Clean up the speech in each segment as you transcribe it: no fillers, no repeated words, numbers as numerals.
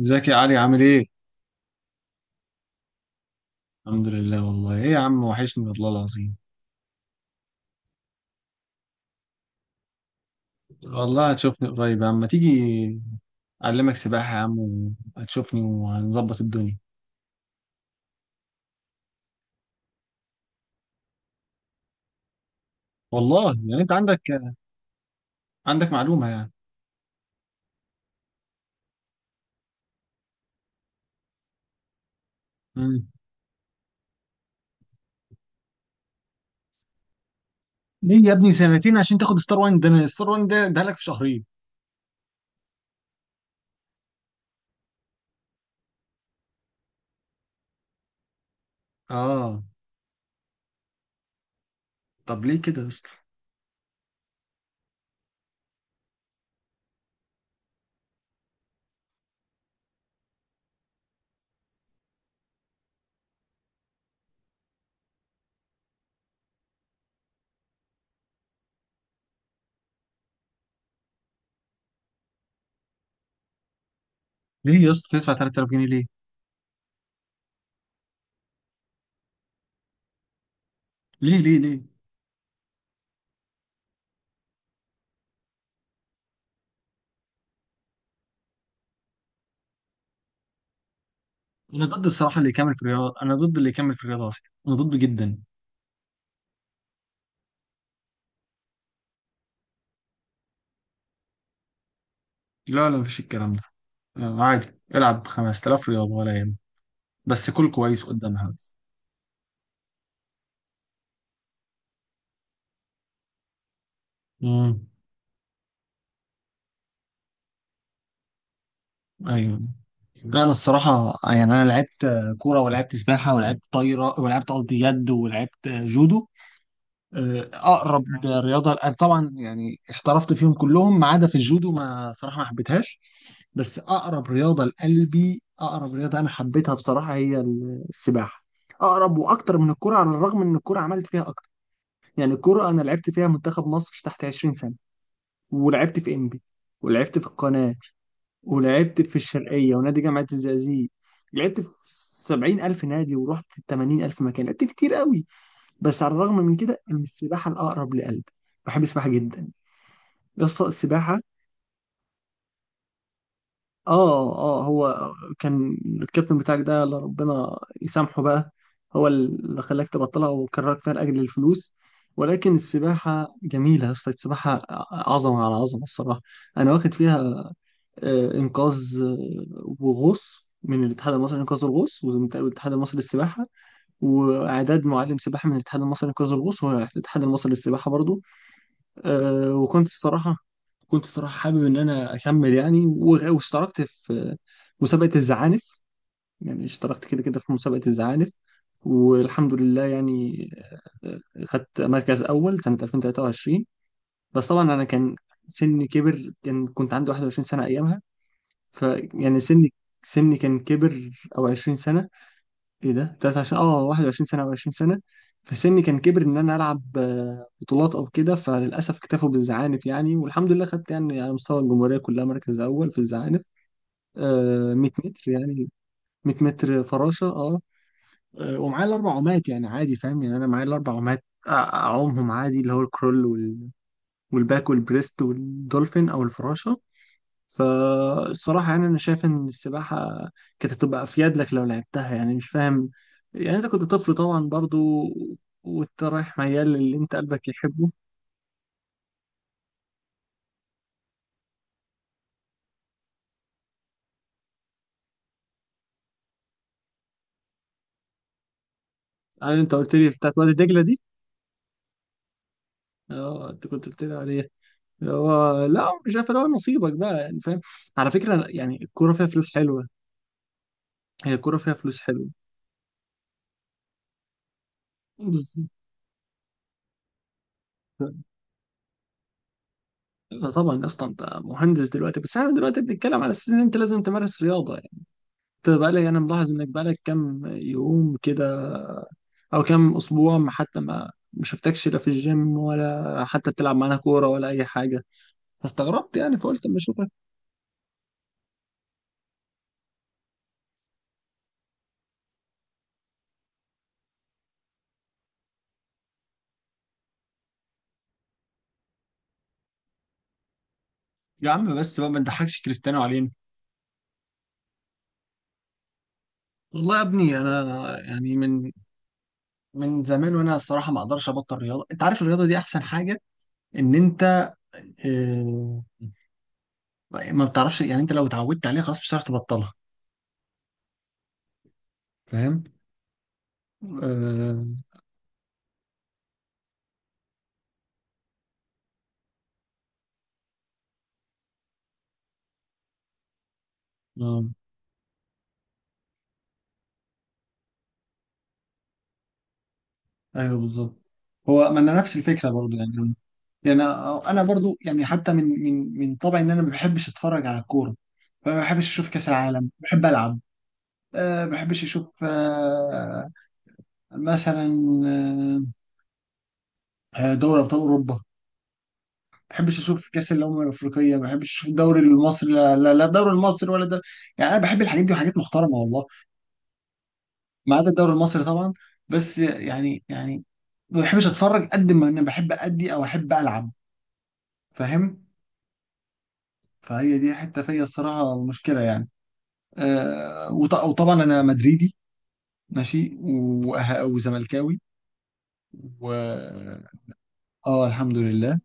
ازيك يا علي عامل ايه؟ الحمد لله. والله ايه يا عم، وحشني والله العظيم. والله هتشوفني قريب يا عم، ما تيجي اعلمك سباحة يا عم وهتشوفني وهنظبط الدنيا. والله يعني انت عندك معلومة يعني. مم. ليه يا ابني سنتين عشان تاخد ستار وان؟ ده انا ستار وان ده لك في شهرين. اه. طب ليه كده يا اسطى؟ ليه يا اسطى تدفع 3000 جنيه ليه؟ ليه ليه ليه؟ انا ضد الصراحة اللي يكمل في الرياضة، انا ضد اللي يكمل في الرياضة واحدة، انا ضد جدا. لا لا، مفيش الكلام ده. آه، عادي. العب 5000 رياضة ولا يهمك، بس كل كويس قدامها بس. امم. ايوه. لا انا الصراحه يعني انا لعبت كوره، ولعبت سباحه، ولعبت طايره، ولعبت قصدي يد، ولعبت جودو. اقرب رياضه لأ، طبعا، يعني احترفت فيهم كلهم ما عدا في الجودو، ما صراحه ما حبيتهاش. بس اقرب رياضه لقلبي، اقرب رياضه انا حبيتها بصراحه هي السباحه. اقرب واكتر من الكوره، على الرغم ان الكوره عملت فيها اكتر. يعني الكوره انا لعبت فيها منتخب مصر تحت 20 سنه، ولعبت في انبي، ولعبت في القناه، ولعبت في الشرقية ونادي جامعة الزقازيق. لعبت في سبعين ألف نادي ورحت تمانين ألف مكان، لعبت كتير قوي. بس على الرغم من كده إن السباحة الأقرب لقلبي. بحب السباحة جدا يا اسطى السباحة. آه آه. هو كان الكابتن بتاعك ده، الله ربنا يسامحه بقى، هو اللي خلاك تبطلها وكرهك فيها لأجل الفلوس. ولكن السباحة جميلة يا اسطى السباحة. عظمة على عظمة الصراحة. أنا واخد فيها انقاذ وغوص من الاتحاد المصري لانقاذ الغوص والاتحاد المصري للسباحه، واعداد معلم سباحه من الاتحاد المصري لانقاذ الغوص والاتحاد المصري للسباحه برضو. وكنت الصراحه حابب ان انا اكمل يعني، واشتركت في مسابقه الزعانف. يعني اشتركت كده كده في مسابقه الزعانف، والحمد لله يعني. آه، خدت مركز اول سنه 2023. بس طبعا انا كان سني كبر، كان كنت عندي 21 سنه ايامها. ف يعني سني كان كبر، او 20 سنة. ايه ده 23، اه 21 سنة او 20 سنة. فسني كان كبر ان انا العب بطولات او كده. فللاسف اكتفوا بالزعانف يعني، والحمد لله خدت يعني على مستوى الجمهورية كلها مركز اول في الزعانف. 100 متر يعني، 100 متر فراشة، اه. ومعايا الاربع عومات يعني عادي فاهم، يعني انا معايا الاربع عومات. اعومهم عادي، اللي هو الكرول والباك والبريست والدولفين او الفراشة. فالصراحة يعني أنا شايف إن السباحة كانت هتبقى أفيد لك لو لعبتها، يعني مش فاهم. يعني أنت كنت طفل طبعا برضو، وأنت رايح ميال للي أنت قلبك يحبه. يعني أنت قلت لي بتاعت وادي دجلة دي. أه، أنت كنت قلت لي عليها. هو لا، مش عارف، اللي هو نصيبك بقى يعني فاهم. على فكرة يعني الكورة فيها فلوس حلوة. هي الكورة فيها فلوس حلوة. بالظبط. لا طبعا اصلا انت مهندس دلوقتي، بس احنا دلوقتي بنتكلم على اساس ان انت لازم تمارس رياضه. بقالي انا ملاحظ انك بقالك كام يوم كده او كام اسبوع، ما حتى ما شفتكش لا في الجيم ولا حتى بتلعب معانا كوره ولا اي حاجه، فاستغربت يعني فقلت اما اشوفك. يا عم بس بقى، ما تضحكش كريستيانو علينا. والله يا ابني انا يعني، من زمان وانا الصراحه ما اقدرش ابطل رياضه. انت عارف الرياضه دي احسن حاجه ان انت آه، ما بتعرفش، يعني انت لو اتعودت عليها خلاص مش هتعرف تبطلها فاهم. آه، ايوه بالظبط. هو ما انا نفس الفكره برضو يعني. يعني انا برضو يعني، حتى من طبعي ان انا ما بحبش اتفرج على الكوره، فما بحبش اشوف كاس العالم، بحب العب. أه، ما بحبش اشوف مثلا دوري ابطال اوروبا، ما بحبش اشوف كاس الامم الافريقيه، ما بحبش اشوف الدوري المصري، لا لا لا الدوري المصري ولا ده. يعني انا بحب الحاجات دي وحاجات محترمه والله. ما عدا الدوري المصري طبعا. بس يعني ما بحبش اتفرج قد ما انا بحب ادي او احب العب فاهم. فهي دي حته فيا الصراحه المشكله يعني. وطبعا انا مدريدي، ماشي، وزملكاوي، و اه الحمد لله.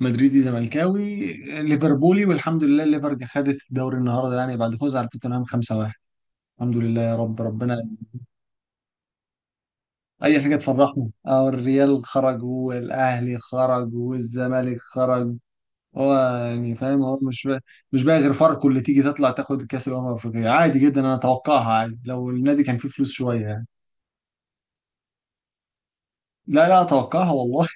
مدريدي، زملكاوي، ليفربولي، والحمد لله الليفر دي خدت الدوري النهارده يعني، بعد فوز على توتنهام 5-1. الحمد لله يا رب ربنا. اي حاجه تفرحنا. اه، الريال خرج والاهلي خرج والزمالك خرج. هو يعني فاهم، هو مش بقى، مش بقى غير فاركو اللي تيجي تطلع تاخد كاس الامم الافريقيه، عادي جدا، انا اتوقعها عادي لو النادي كان فيه فلوس شويه يعني. لا لا اتوقعها والله.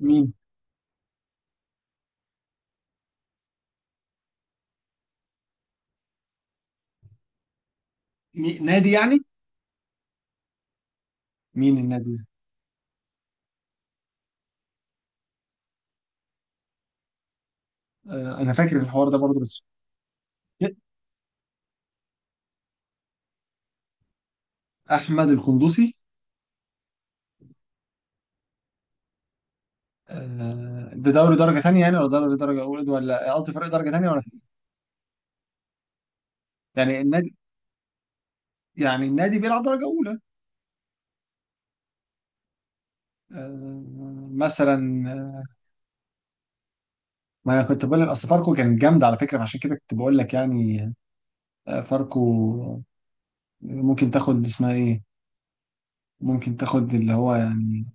مين, مين نادي يعني، مين النادي ده. آه، انا فاكر الحوار ده برضه بس. احمد القندوسي. آه، ده دوري درجه ثانيه يعني ولا دوري درجه اولى، ولا قصدي فريق درجه ثانيه ولا؟ يعني النادي بيلعب درجه اولى. آه، مثلا. آه، ما انا كنت بقول لك اصل فاركو كانت جامده على فكره، عشان كده كنت بقول لك يعني. فاركو ممكن تاخد اسمها ايه، ممكن تاخد اللي هو يعني.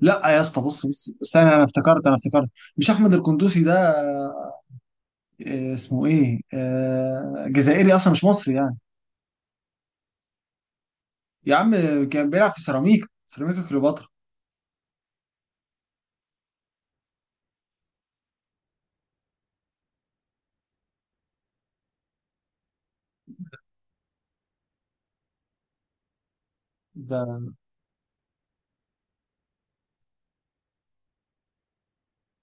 لا يا اسطى، بص بص استنى، انا افتكرت انا افتكرت. مش احمد القندوسي ده؟ اسمه ايه، جزائري اصلا مش مصري يعني. يا عم كان بيلعب في سيراميكا كليوباترا. ده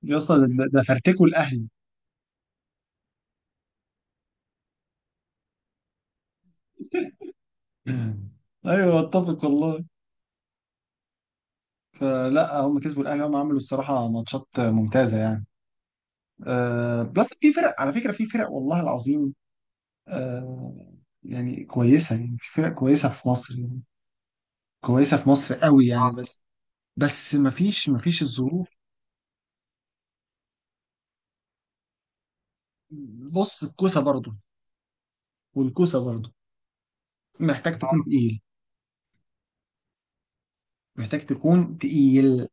يا اسطى، ده فرتكوا الاهلي. ايوه، اتفق والله. فلا هم كسبوا الاهلي، هم عملوا الصراحه ماتشات ممتازه يعني. أه بس في فرق على فكره، في فرق والله العظيم. آه. يعني كويسة يعني، في فرق كويسة في مصر يعني، كويسة في مصر قوي يعني، اه. بس مفيش الظروف. بص، الكوسة برضه، والكوسة برضه محتاج تكون تقيل، محتاج تكون تقيل،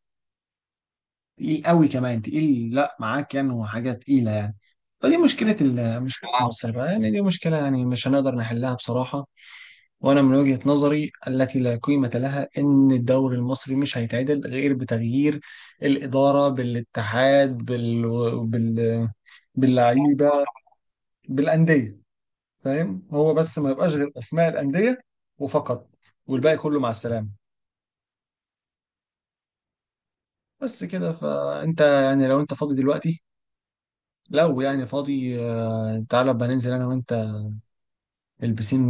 تقيل قوي كمان، تقيل لا معاك يعني وحاجة تقيلة يعني. فدي مشكلة، مشكلة مصر بقى يعني. دي مشكلة يعني مش هنقدر نحلها بصراحة. وانا من وجهة نظري التي لا قيمة لها ان الدوري المصري مش هيتعدل غير بتغيير الإدارة بالاتحاد بال... باللعيبة بالأندية فاهم. هو بس ما يبقاش غير أسماء الأندية وفقط، والباقي كله مع السلامة. بس كده، فأنت يعني لو أنت فاضي دلوقتي، لو يعني فاضي، تعالى بقى ننزل أنا وأنت البسين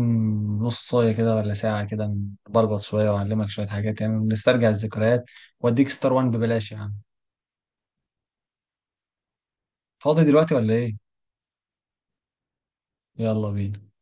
نص صاية كده ولا ساعة كده، نبربط شوية وأعلمك شوية حاجات يعني، نسترجع الذكريات وأديك ستار وان ببلاش يعني. فاضي دلوقتي ولا ايه؟ يلا بينا.